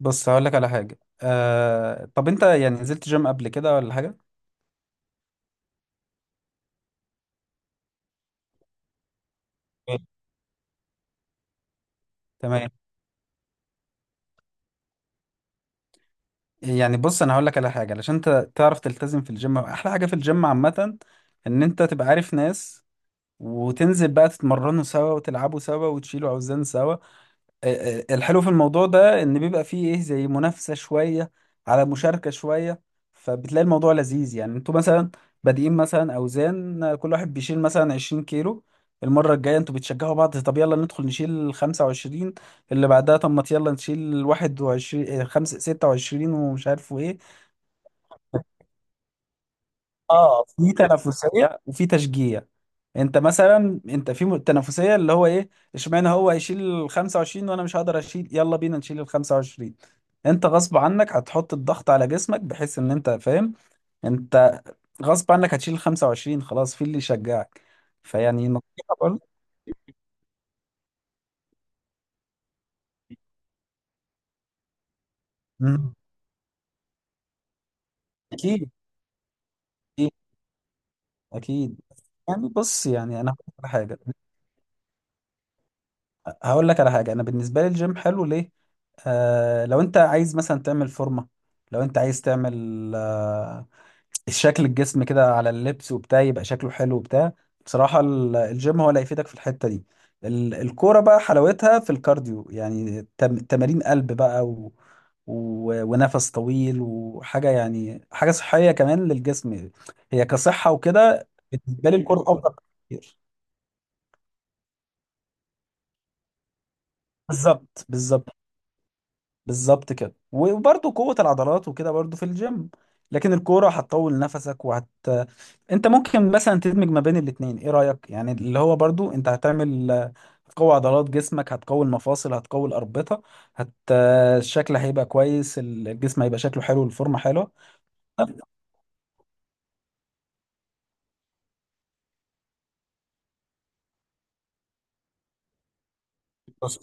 بص، هقول لك على حاجة. طب انت يعني نزلت جيم قبل كده ولا حاجة؟ أيوة. تمام. يعني بص، انا هقول لك على حاجه علشان انت تعرف تلتزم في الجيم. احلى حاجه في الجيم عامه ان انت تبقى عارف ناس، وتنزل بقى تتمرنوا سوا وتلعبوا سوا وتشيلوا اوزان سوا. الحلو في الموضوع ده ان بيبقى فيه ايه زي منافسة شوية، على مشاركة شوية. فبتلاقي الموضوع لذيذ. يعني انتوا مثلا بادئين مثلا اوزان، كل واحد بيشيل مثلا 20 كيلو. المرة الجاية انتوا بتشجعوا بعض، طب يلا ندخل نشيل 25. اللي بعدها طب ما يلا نشيل 21 خمسة 26 ومش عارف ايه. اه، في تنافسية وفي تشجيع. انت مثلا تنافسيه اللي هو ايه اشمعنى هو هيشيل ال 25 وانا مش هقدر اشيل، يلا بينا نشيل ال 25. انت غصب عنك هتحط الضغط على جسمك، بحيث ان انت فاهم. انت غصب عنك هتشيل ال 25، خلاص في اللي يشجعك. فيعني نصيحه برضه. مم. اكيد، اكيد، اكيد. يعني بص، انا هقول لك على حاجه. انا بالنسبه لي الجيم حلو ليه. لو انت عايز مثلا تعمل فورمه، لو انت عايز تعمل آه، شكل الجسم كده على اللبس وبتاع، يبقى شكله حلو وبتاع. بصراحة الجيم هو اللي هيفيدك في الحتة دي. الكورة بقى حلاوتها في الكارديو. يعني تمارين قلب بقى، ونفس طويل وحاجة، يعني حاجة صحية كمان للجسم. هي كصحة وكده بالنسبة لي الكورة أفضل كتير. بالظبط، بالظبط. بالظبط كده، وبرضه قوة العضلات وكده برضه في الجيم. لكن الكورة هتطول نفسك انت ممكن مثلا تدمج ما بين الاتنين، ايه رأيك؟ يعني اللي هو برضو انت هتعمل، هتقوي عضلات جسمك، هتقوي المفاصل، هتقوي الأربطة هت الشكل هيبقى كويس، الجسم هيبقى شكله حلو، الفورمة حلوة. بص،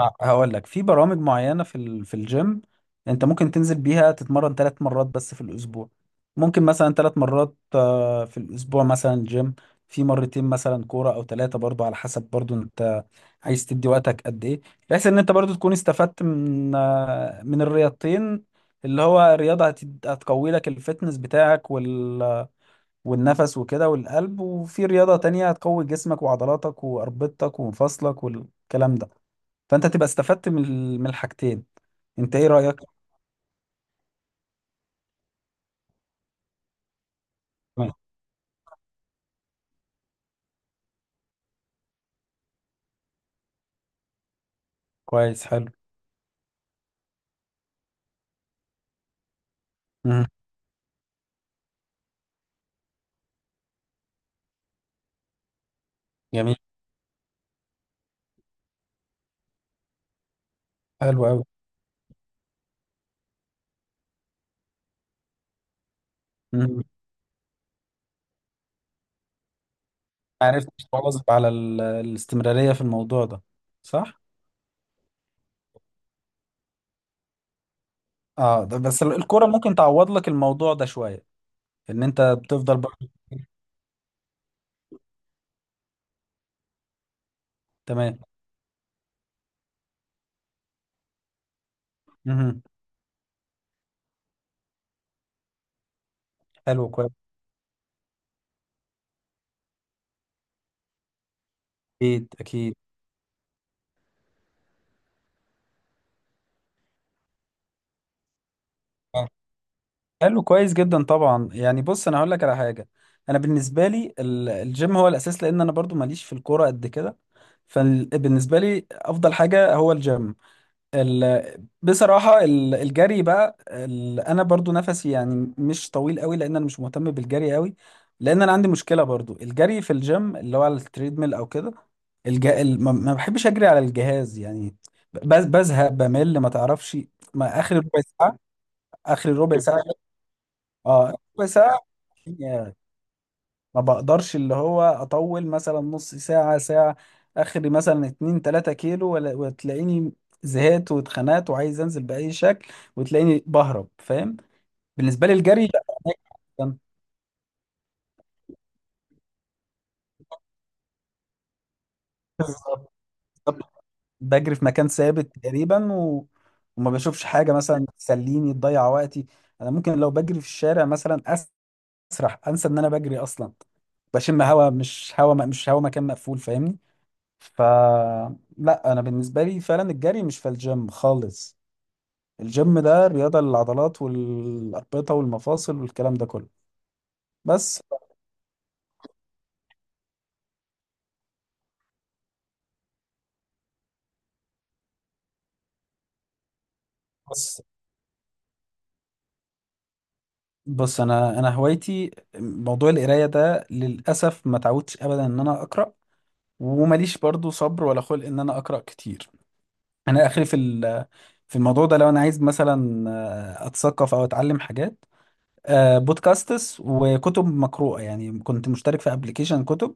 هقول لك في برامج معينة في في الجيم. انت ممكن تنزل بيها تتمرن ثلاث مرات بس في الاسبوع. ممكن مثلا ثلاث مرات في الاسبوع مثلا جيم، في مرتين مثلا كورة او ثلاثة، برضو على حسب برضو انت عايز تدي وقتك قد ايه. بحيث ان انت برضو تكون استفدت من الرياضتين. اللي هو رياضة هتقوي لك الفتنس بتاعك والنفس وكده والقلب، وفي رياضة تانية هتقوي جسمك وعضلاتك وأربطتك ومفاصلك والكلام ده. فانت تبقى استفدت من من الحاجتين. انت ايه رأيك؟ تمام. كويس، حلو. مم. جميل. حلو قوي. عرفت تواظب على الاستمرارية في الموضوع ده؟ صح. اه، ده بس الكرة ممكن تعوض لك الموضوع ده شوية، ان انت بتفضل برضه. تمام. مم. حلو، كويس. اكيد، اكيد. آه. حلو كويس جدا طبعا. يعني بص، انا هقول لك على حاجة. انا بالنسبة لي الجيم هو الاساس، لان انا برضو ماليش في الكورة قد كده. فبالنسبة لي افضل حاجة هو الجيم. ال... بصراحة الجري بقى أنا برضو نفسي يعني مش طويل قوي، لأن أنا مش مهتم بالجري قوي. لأن أنا عندي مشكلة برضو الجري في الجيم اللي هو على التريدميل أو كده. ما بحبش أجري على الجهاز يعني. بزهق، بمل، ما تعرفش. ما آخر ربع ساعة. آخر ربع ساعة. آه، ربع ساعة. ما بقدرش اللي هو اطول مثلا نص ساعة، ساعة. اخري مثلا اتنين تلاتة كيلو ولا، وتلاقيني زهقت واتخنقت وعايز انزل بأي شكل، وتلاقيني بهرب، فاهم؟ بالنسبة لي الجري لا. أنا بالظبط بجري في مكان ثابت تقريبا، وما بشوفش حاجة مثلا تسليني، تضيع وقتي. انا ممكن لو بجري في الشارع مثلا اسرح، انسى ان انا بجري اصلا. بشم هوا، مش هوا مكان مقفول، فاهمني؟ ف لا، انا بالنسبه لي فعلا الجري مش في الجيم خالص. الجيم ده رياضه للعضلات والاربطه والمفاصل والكلام ده كله. بس بص، بص، انا هوايتي موضوع القرايه ده، للاسف ما تعودتش ابدا ان انا اقرا. ومليش برضو صبر ولا خلق ان انا اقرا كتير. انا اخري في في الموضوع ده، لو انا عايز مثلا اتثقف او اتعلم حاجات، بودكاستس وكتب مقروءه. يعني كنت مشترك في ابلكيشن كتب،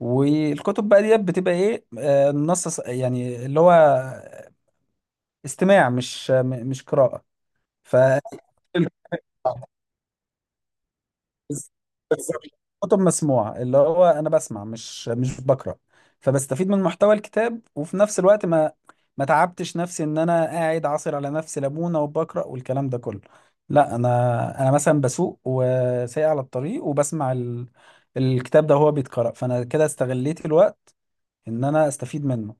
والكتب بقى ديت بتبقى ايه النص يعني اللي هو استماع، مش قراءة. ف بالظبط. كتب مسموعة، اللي هو انا بسمع، مش بقرأ. فبستفيد من محتوى الكتاب، وفي نفس الوقت ما تعبتش نفسي ان انا قاعد عاصر على نفسي ليمونة وبقرأ والكلام ده كله. لا، انا مثلا بسوق وسايق على الطريق، وبسمع الكتاب ده وهو بيتقرأ. فانا كده استغليت الوقت ان انا استفيد منه.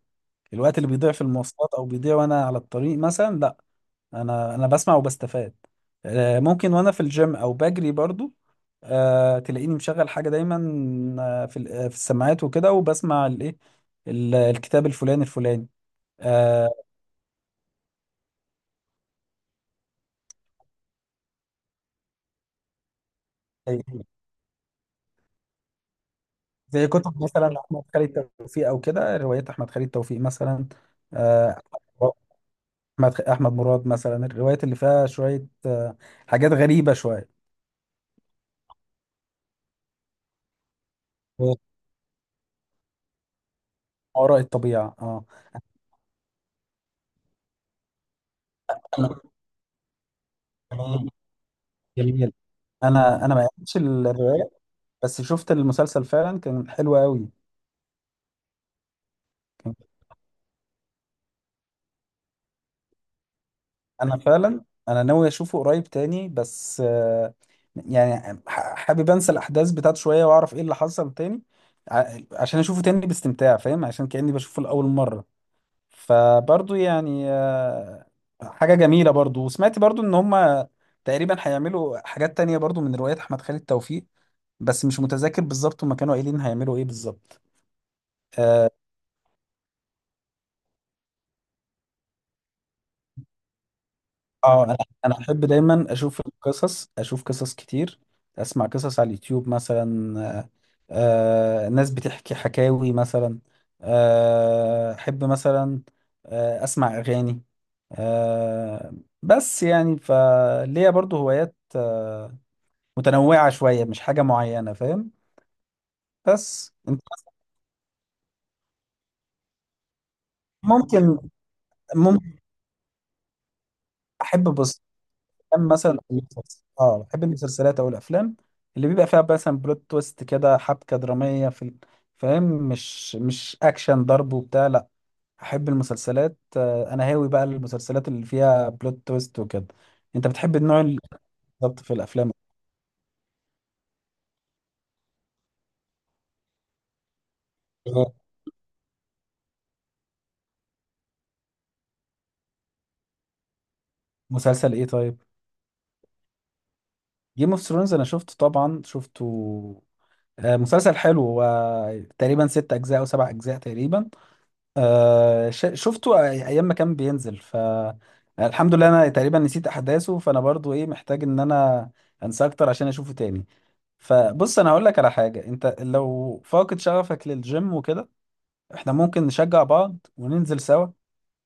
الوقت اللي بيضيع في المواصلات، او بيضيع وانا على الطريق مثلا، لا، انا بسمع وبستفاد. ممكن وانا في الجيم او بجري برضو، تلاقيني مشغل حاجة دايما في في السماعات وكده، وبسمع الايه، الكتاب الفلاني الفلاني. آه، زي زي كتب مثلا احمد خالد توفيق او كده، روايات احمد خالد توفيق مثلا. آه، احمد مراد مثلا، الروايات اللي فيها شوية، حاجات غريبة شوية. ما وراء الطبيعة، اه. جميل. انا ما قريتش الروايه، بس شفت المسلسل فعلا كان حلو قوي. كان انا فعلا ناوي اشوفه قريب تاني، بس يعني حابب انسى الاحداث بتاعته شويه واعرف ايه اللي حصل تاني، عشان اشوفه تاني باستمتاع، فاهم؟ عشان كاني بشوفه لاول مره. فبرضو يعني حاجه جميله برضو. وسمعت برضو ان هم تقريبا هيعملوا حاجات تانية برضو من روايات احمد خالد توفيق، بس مش متذكر بالظبط هما كانوا قايلين هيعملوا ايه بالظبط. آه، اه، انا احب دايما اشوف القصص، اشوف قصص كتير، اسمع قصص على اليوتيوب مثلا. ناس بتحكي حكاوي مثلا. احب مثلا اسمع اغاني. آه بس يعني فليا برضو هوايات متنوعة شوية، مش حاجة معينة، فاهم؟ بس انت. ممكن، ممكن. احب. بص، افلام مثلا أو بحب المسلسلات او الافلام، اللي بيبقى فيها مثلا بلوت تويست كده، حبكه دراميه في فاهم؟ مش اكشن ضرب وبتاع، لا. احب المسلسلات. انا هاوي بقى المسلسلات اللي فيها بلوت تويست وكده. انت بتحب النوع اللي بالظبط في الافلام. مسلسل ايه طيب؟ جيم اوف ثرونز، انا شفته طبعا، شفته. مسلسل حلو هو، تقريبا ست اجزاء او سبع اجزاء تقريبا. شفته ايام ما كان بينزل. الحمد لله انا تقريبا نسيت احداثه. فانا برضو ايه محتاج ان انا انساه اكتر عشان اشوفه تاني. فبص، انا هقول لك على حاجه، انت لو فاقد شغفك للجيم وكده، احنا ممكن نشجع بعض وننزل سوا،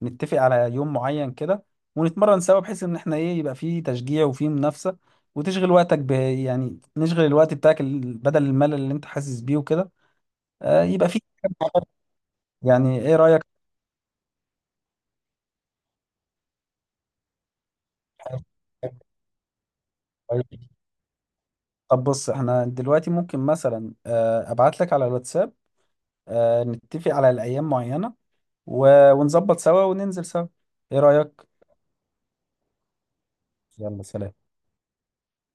نتفق على يوم معين كده، ونتمرن سوا، بحيث ان احنا ايه يبقى فيه تشجيع وفيه منافسه. وتشغل وقتك ب، يعني نشغل الوقت بتاعك بدل الملل اللي انت حاسس بيه وكده. يبقى فيه. يعني ايه رايك؟ طيب. طب بص، احنا دلوقتي ممكن مثلا ابعت لك على الواتساب، نتفق على الايام معينة، ونظبط سوا وننزل سوا، ايه رأيك؟ يلا، سلام.